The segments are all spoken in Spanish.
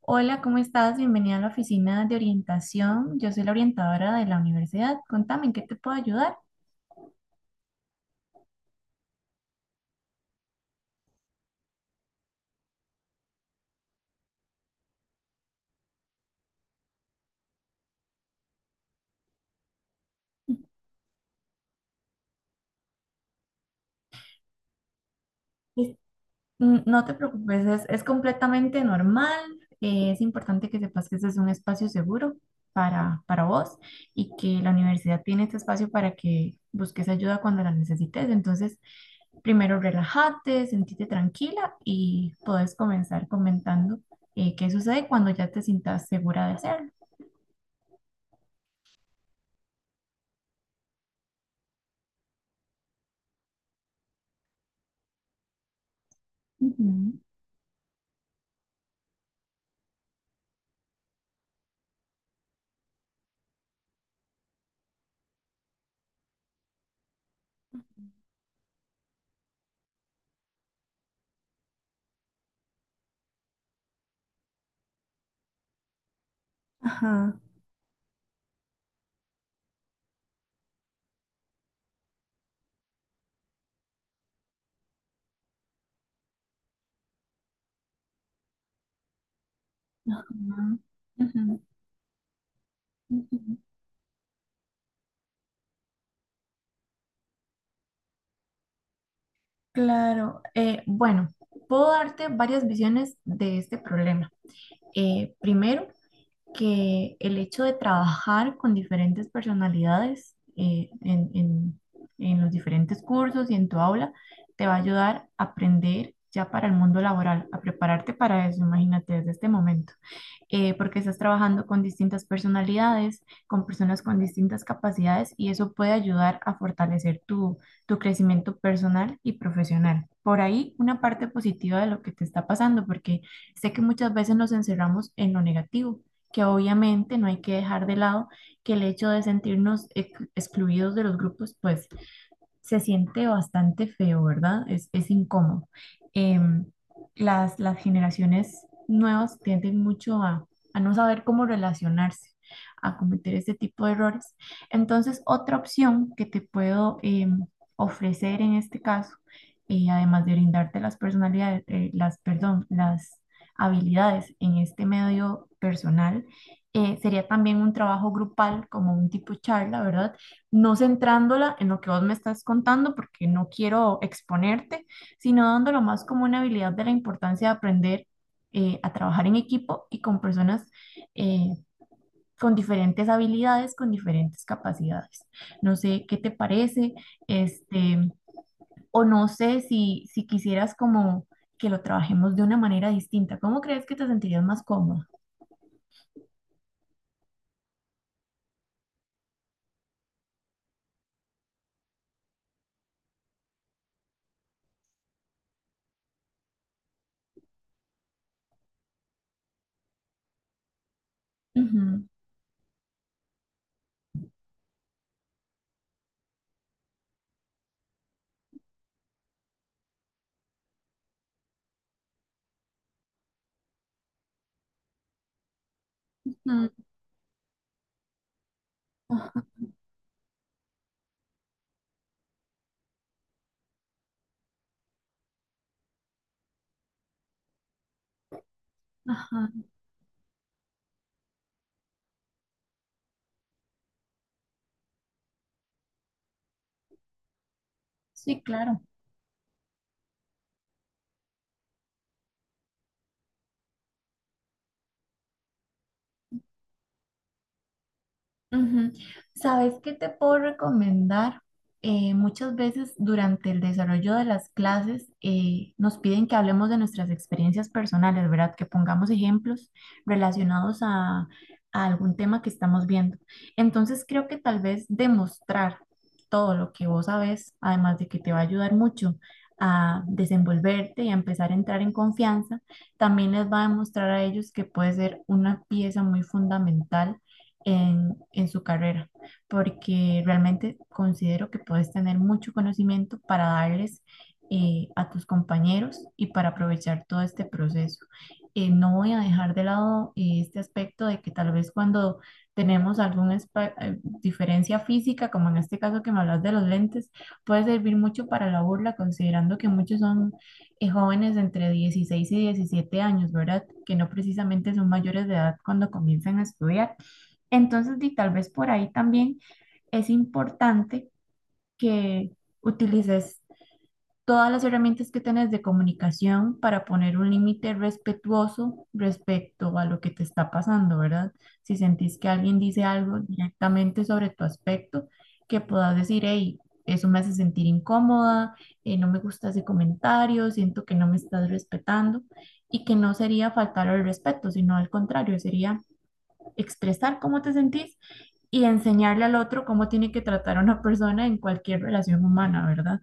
Hola, ¿cómo estás? Bienvenida a la oficina de orientación. Yo soy la orientadora de la universidad. Contame, ¿en qué te puedo ayudar? No te preocupes, es completamente normal. Es importante que sepas que este es un espacio seguro para vos y que la universidad tiene este espacio para que busques ayuda cuando la necesites. Entonces, primero relájate, sentite tranquila y puedes comenzar comentando qué sucede cuando ya te sientas segura de hacerlo. Ujú. Ajá. Ujú, ujú, ujú. Claro, bueno, puedo darte varias visiones de este problema. Primero, que el hecho de trabajar con diferentes personalidades en los diferentes cursos y en tu aula te va a ayudar a aprender ya para el mundo laboral, a prepararte para eso, imagínate desde este momento porque estás trabajando con distintas personalidades, con personas con distintas capacidades y eso puede ayudar a fortalecer tu crecimiento personal y profesional. Por ahí una parte positiva de lo que te está pasando, porque sé que muchas veces nos encerramos en lo negativo, que obviamente no hay que dejar de lado que el hecho de sentirnos excluidos de los grupos, pues se siente bastante feo, ¿verdad? Es incómodo. Em, las generaciones nuevas tienden mucho a no saber cómo relacionarse, a cometer este tipo de errores. Entonces, otra opción que te puedo ofrecer en este caso, además de brindarte las personalidades, las habilidades en este medio personal, sería también un trabajo grupal, como un tipo charla, ¿verdad? No centrándola en lo que vos me estás contando, porque no quiero exponerte, sino dándolo más como una habilidad de la importancia de aprender a trabajar en equipo y con personas eh, con diferentes habilidades, con diferentes capacidades. No sé qué te parece, este, o no sé si quisieras como que lo trabajemos de una manera distinta. ¿Cómo crees que te sentirías más cómoda? Ujú, ujú, ajá, ajá. Sí, claro. Ujú. ¿Sabes qué te puedo recomendar? Muchas veces durante el desarrollo de las clases nos piden que hablemos de nuestras experiencias personales, ¿verdad? Que pongamos ejemplos relacionados a algún tema que estamos viendo. Entonces creo que tal vez demostrar todo lo que vos sabes, además de que te va a ayudar mucho a desenvolverte y a empezar a entrar en confianza, también les va a demostrar a ellos que puede ser una pieza muy fundamental en su carrera, porque realmente considero que puedes tener mucho conocimiento para darles a tus compañeros y para aprovechar todo este proceso. No voy a dejar de lado este aspecto de que tal vez cuando tenemos alguna diferencia física, como en este caso que me hablas de los lentes, puede servir mucho para la burla, considerando que muchos son jóvenes entre 16 y 17 años, ¿verdad? Que no precisamente son mayores de edad cuando comienzan a estudiar. Entonces, di, tal vez por ahí también es importante que utilices todas las herramientas que tenés de comunicación para poner un límite respetuoso respecto a lo que te está pasando, ¿verdad? Si sentís que alguien dice algo directamente sobre tu aspecto, que puedas decir, hey, eso me hace sentir incómoda, no me gusta ese comentario, siento que no me estás respetando, y que no sería faltar al respeto, sino al contrario, sería expresar cómo te sentís y enseñarle al otro cómo tiene que tratar a una persona en cualquier relación humana, ¿verdad?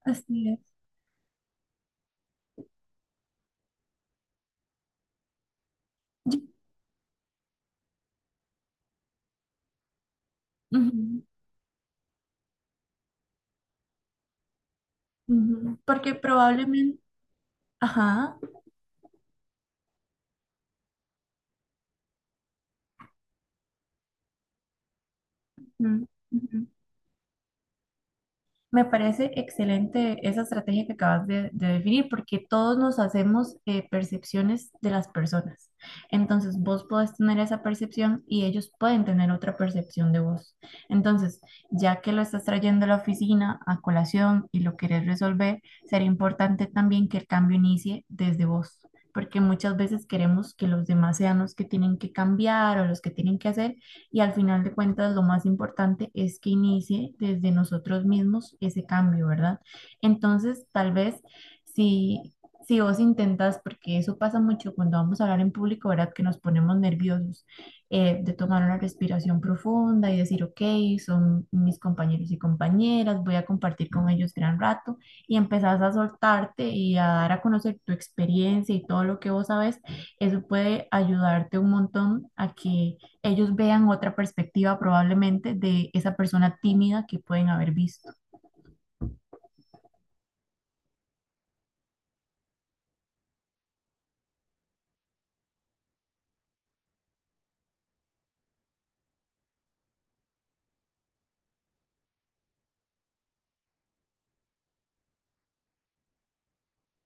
Así es. Ujú, ujú. Porque probablemente, ajá. Ujú, ujú. Me parece excelente esa estrategia que acabas de definir porque todos nos hacemos percepciones de las personas. Entonces vos podés tener esa percepción y ellos pueden tener otra percepción de vos. Entonces, ya que lo estás trayendo a la oficina a colación y lo querés resolver, sería importante también que el cambio inicie desde vos. Porque muchas veces queremos que los demás sean los que tienen que cambiar o los que tienen que hacer y al final de cuentas, lo más importante es que inicie desde nosotros mismos ese cambio, ¿verdad? Entonces, tal vez si, si vos intentas, porque eso pasa mucho cuando vamos a hablar en público, ¿verdad? Que nos ponemos nerviosos, de tomar una respiración profunda y decir, ok, son mis compañeros y compañeras, voy a compartir con ellos gran rato y empezás a soltarte y a dar a conocer tu experiencia y todo lo que vos sabes, eso puede ayudarte un montón a que ellos vean otra perspectiva probablemente de esa persona tímida que pueden haber visto.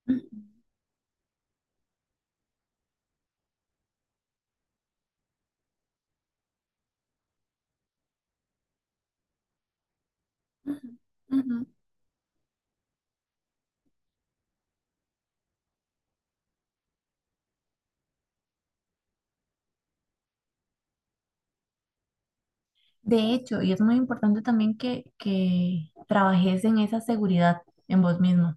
Ujú, ujú, ujú. De hecho, y es muy importante también que trabajes en esa seguridad en vos mismo,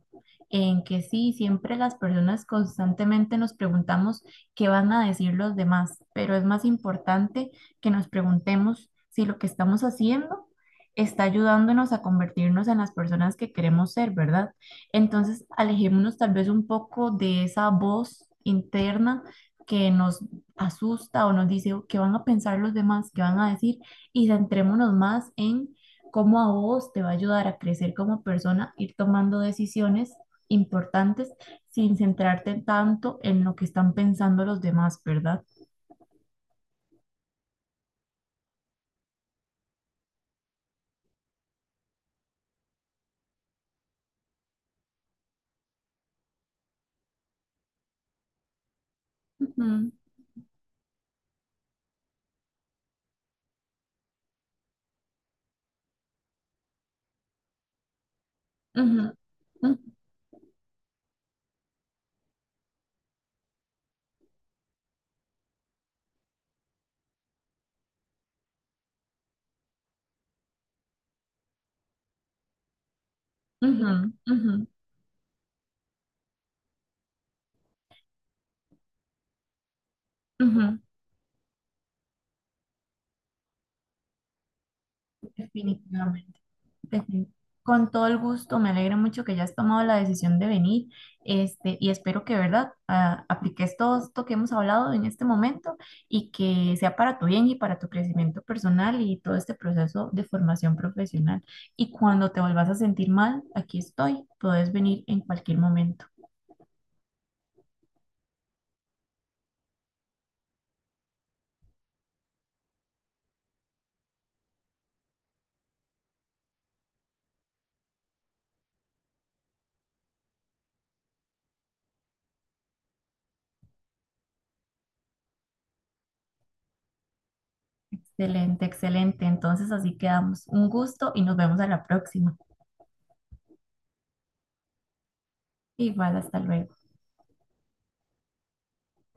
en que sí, siempre las personas constantemente nos preguntamos qué van a decir los demás, pero es más importante que nos preguntemos si lo que estamos haciendo está ayudándonos a convertirnos en las personas que queremos ser, ¿verdad? Entonces, alejémonos tal vez un poco de esa voz interna que nos asusta o nos dice "Oh, qué van a pensar los demás, qué van a decir" y centrémonos más en cómo a vos te va a ayudar a crecer como persona, ir tomando decisiones importantes sin centrarte tanto en lo que están pensando los demás, ¿verdad? Ujú, ujú, ujú, ujú, ujú, ujú. Definitivamente. Defi- Con todo el gusto, me alegra mucho que hayas tomado la decisión de venir, este, y espero que, ¿verdad?, apliques todo esto que hemos hablado en este momento y que sea para tu bien y para tu crecimiento personal y todo este proceso de formación profesional. Y cuando te vuelvas a sentir mal, aquí estoy, puedes venir en cualquier momento. Excelente, excelente. Entonces así quedamos. Un gusto y nos vemos a la próxima. Igual, hasta luego.